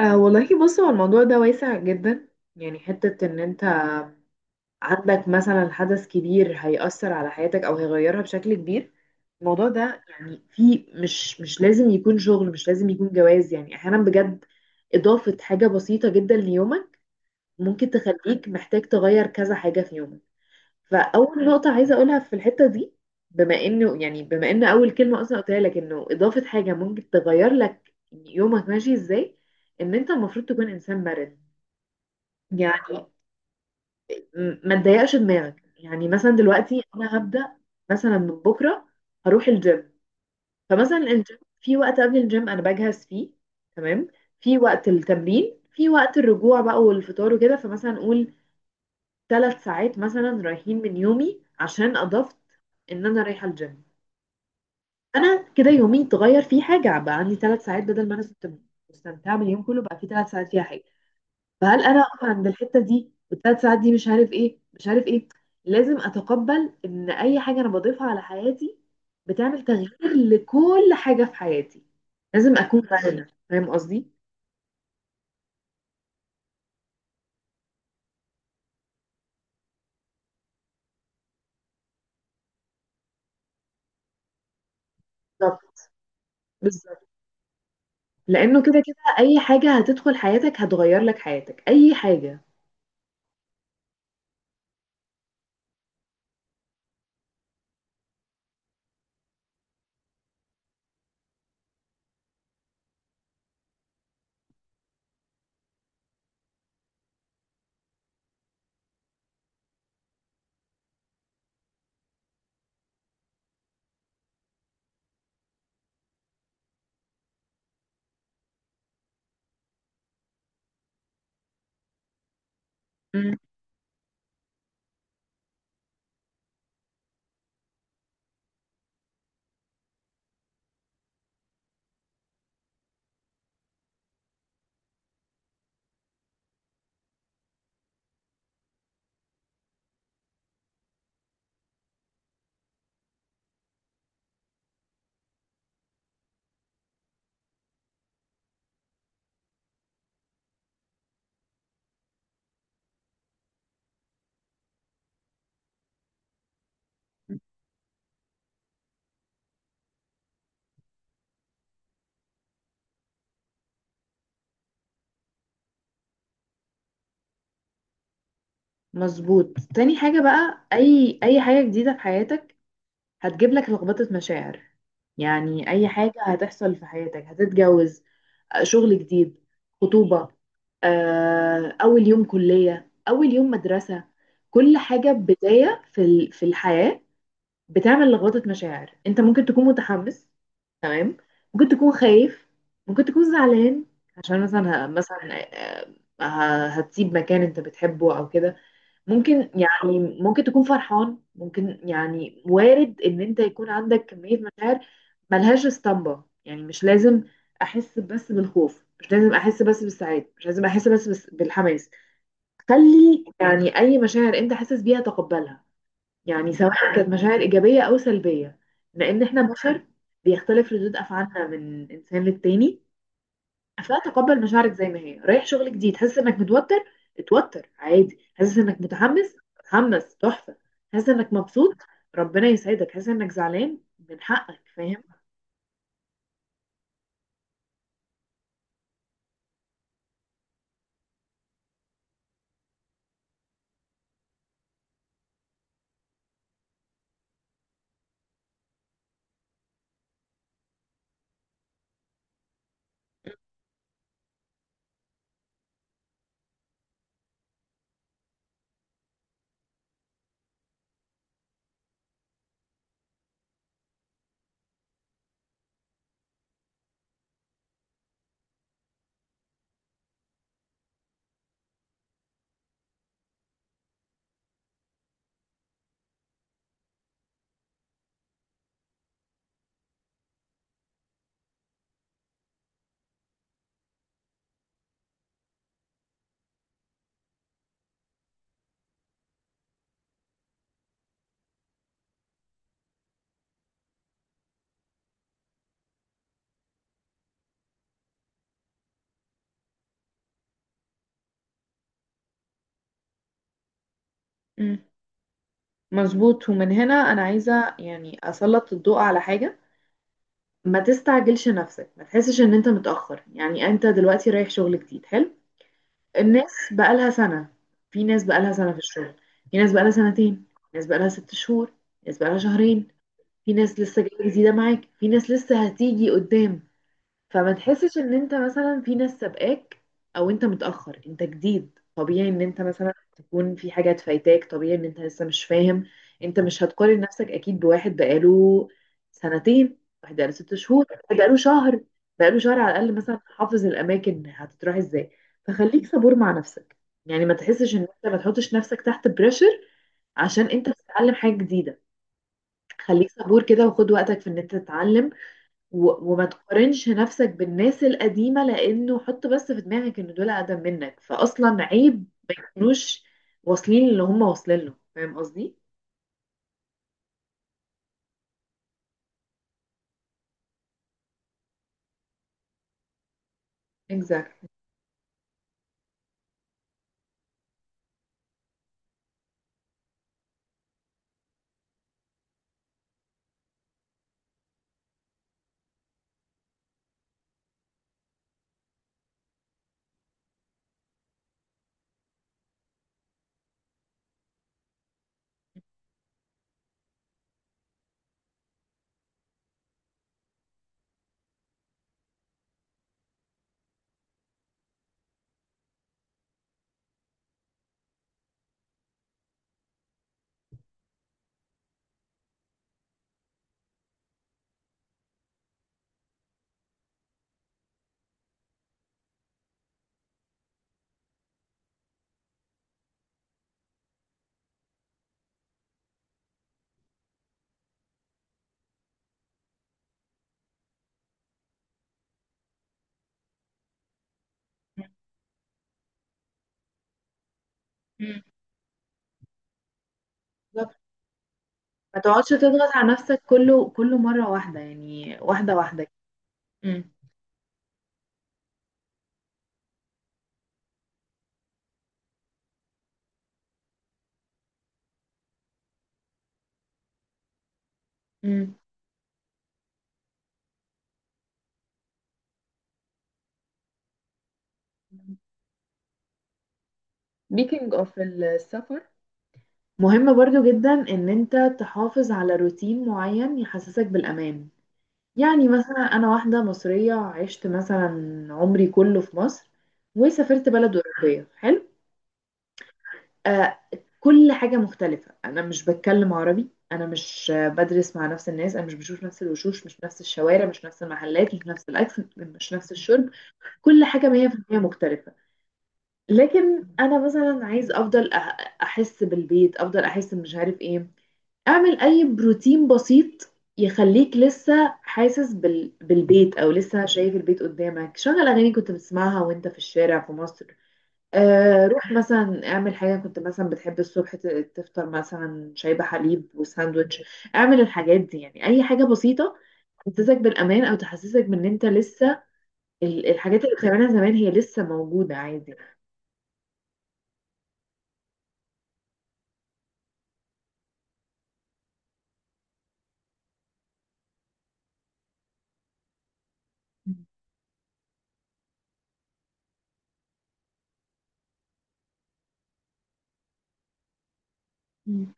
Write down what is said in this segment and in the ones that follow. أه، والله بص، هو الموضوع ده واسع جدا. يعني حتة ان انت عندك مثلا حدث كبير هيأثر على حياتك او هيغيرها بشكل كبير. الموضوع ده يعني في مش لازم يكون شغل، مش لازم يكون جواز. يعني احيانا بجد اضافة حاجة بسيطة جدا ليومك ممكن تخليك محتاج تغير كذا حاجة في يومك. فاول نقطة عايزة اقولها في الحتة دي، بما انه يعني بما ان اول كلمة اصلا قلتها لك انه اضافة حاجة ممكن تغير لك يومك ماشي ازاي، ان انت المفروض تكون انسان مرن. يعني ما تضيقش دماغك. يعني مثلا دلوقتي انا هبدأ مثلا من بكرة هروح الجيم. فمثلا الجيم، في وقت قبل الجيم انا بجهز فيه، تمام، في وقت التمرين، في وقت الرجوع بقى والفطار وكده. فمثلا نقول ثلاث ساعات مثلا رايحين من يومي عشان اضفت ان انا رايحة الجيم. انا كده يومي اتغير، فيه حاجة بقى عندي ثلاث ساعات بدل ما انا كنت مستمتعة باليوم كله بقى في ثلاث ساعات فيها حاجة. فهل انا اقف عند الحته دي والثلاث ساعات دي مش عارف ايه مش عارف ايه؟ لازم اتقبل ان اي حاجه انا بضيفها على حياتي بتعمل تغيير لكل حاجه في حياتي. لازم اكون فاهمه، فاهم قصدي؟ بالظبط، بالظبط. لانه كده كده اي حاجه هتدخل حياتك هتغير لك حياتك، اي حاجه. مم. مظبوط. تاني حاجة بقى، أي حاجة جديدة في حياتك هتجيب لك لخبطة مشاعر. يعني أي حاجة هتحصل في حياتك، هتتجوز، شغل جديد، خطوبة، أول يوم كلية، أول يوم مدرسة، كل حاجة بداية في في الحياة بتعمل لخبطة مشاعر. أنت ممكن تكون متحمس، تمام، ممكن تكون خايف، ممكن تكون زعلان، عشان مثلا مثلا، آه، هتسيب مكان أنت بتحبه أو كده. ممكن يعني ممكن تكون فرحان، ممكن يعني وارد ان انت يكون عندك كمية مشاعر ملهاش اسطمبة. يعني مش لازم احس بس بالخوف، مش لازم احس بس بالسعادة، مش لازم احس بس بالحماس. خلي يعني اي مشاعر انت حاسس بيها تقبلها، يعني سواء كانت مشاعر ايجابية او سلبية، لان احنا بشر، بيختلف ردود افعالنا من انسان للتاني. اصلا تقبل مشاعرك زي ما هي. رايح شغل جديد حاسس انك متوتر؟ اتوتر عادي. حاسس انك متحمس؟ اتحمس، تحفه. حاسس انك مبسوط؟ ربنا يسعدك. حاسس انك زعلان؟ من حقك، فاهم؟ مم. مظبوط. ومن هنا انا عايزه يعني اسلط الضوء على حاجه: ما تستعجلش نفسك، ما تحسش ان انت متأخر. يعني انت دلوقتي رايح شغل جديد حلو، الناس بقالها سنة، في ناس بقالها سنة في الشغل، في ناس بقالها سنتين، ناس بقالها ست شهور، ناس بقالها شهرين، في ناس لسه جايه جديده معاك، في ناس لسه هتيجي قدام. فما تحسش ان انت مثلا في ناس سابقاك او انت متاخر. انت جديد، طبيعي ان انت مثلا تكون في حاجات فايتاك، طبيعي ان انت لسه مش فاهم. انت مش هتقارن نفسك اكيد بواحد بقاله سنتين، واحد بقاله ست شهور، واحد بقاله شهر على الاقل مثلا حافظ الاماكن هتتراح ازاي. فخليك صبور مع نفسك، يعني ما تحسش ان انت، ما تحطش نفسك تحت بريشر عشان انت بتتعلم حاجه جديده. خليك صبور كده وخد وقتك في ان انت تتعلم، و... وما تقارنش نفسك بالناس القديمة، لانه حط بس في دماغك ان دول اقدم منك، فاصلا عيب ما يكونوش واصلين اللي هم واصلين له. فاهم قصدي؟ exactly. مم. بالظبط. ما تقعدش تضغط على نفسك كله، كله مرة واحدة، يعني واحدة واحدة. مم. مم. speaking of السفر، مهم برضو جدا ان انت تحافظ على روتين معين يحسسك بالامان. يعني مثلا أنا واحدة مصرية عشت مثلا عمري كله في مصر وسافرت بلد أوروبية حلو. آه، كل حاجة مختلفة، أنا مش بتكلم عربي، أنا مش بدرس مع نفس الناس، أنا مش بشوف نفس الوشوش، مش نفس الشوارع، مش نفس المحلات، مش نفس الأكل، مش نفس الشرب، كل حاجة 100% مختلفة. لكن أنا مثلا عايز أفضل أحس بالبيت، أفضل أحس مش عارف إيه. اعمل اي بروتين بسيط يخليك لسه حاسس بالبيت او لسه شايف البيت قدامك. شغل اغاني كنت بتسمعها وانت في الشارع في مصر، آه روح مثلا اعمل حاجه كنت مثلا بتحب الصبح تفطر مثلا شاي بحليب وساندوتش. اعمل الحاجات دي، يعني اي حاجه بسيطه تحسسك بالامان او تحسسك بان انت لسه الحاجات اللي بتعملها زمان هي لسه موجوده عادي. مم.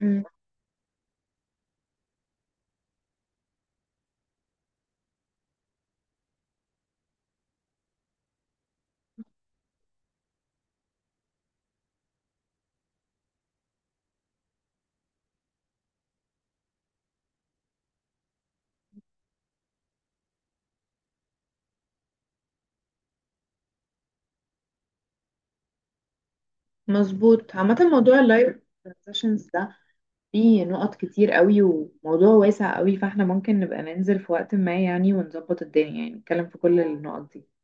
مم. مظبوط. عامة موضوع اللايف سيشنز ده، في نقط كتير قوي وموضوع واسع قوي، فاحنا ممكن نبقى ننزل في وقت ما يعني ونظبط الدنيا يعني نتكلم في كل النقط دي.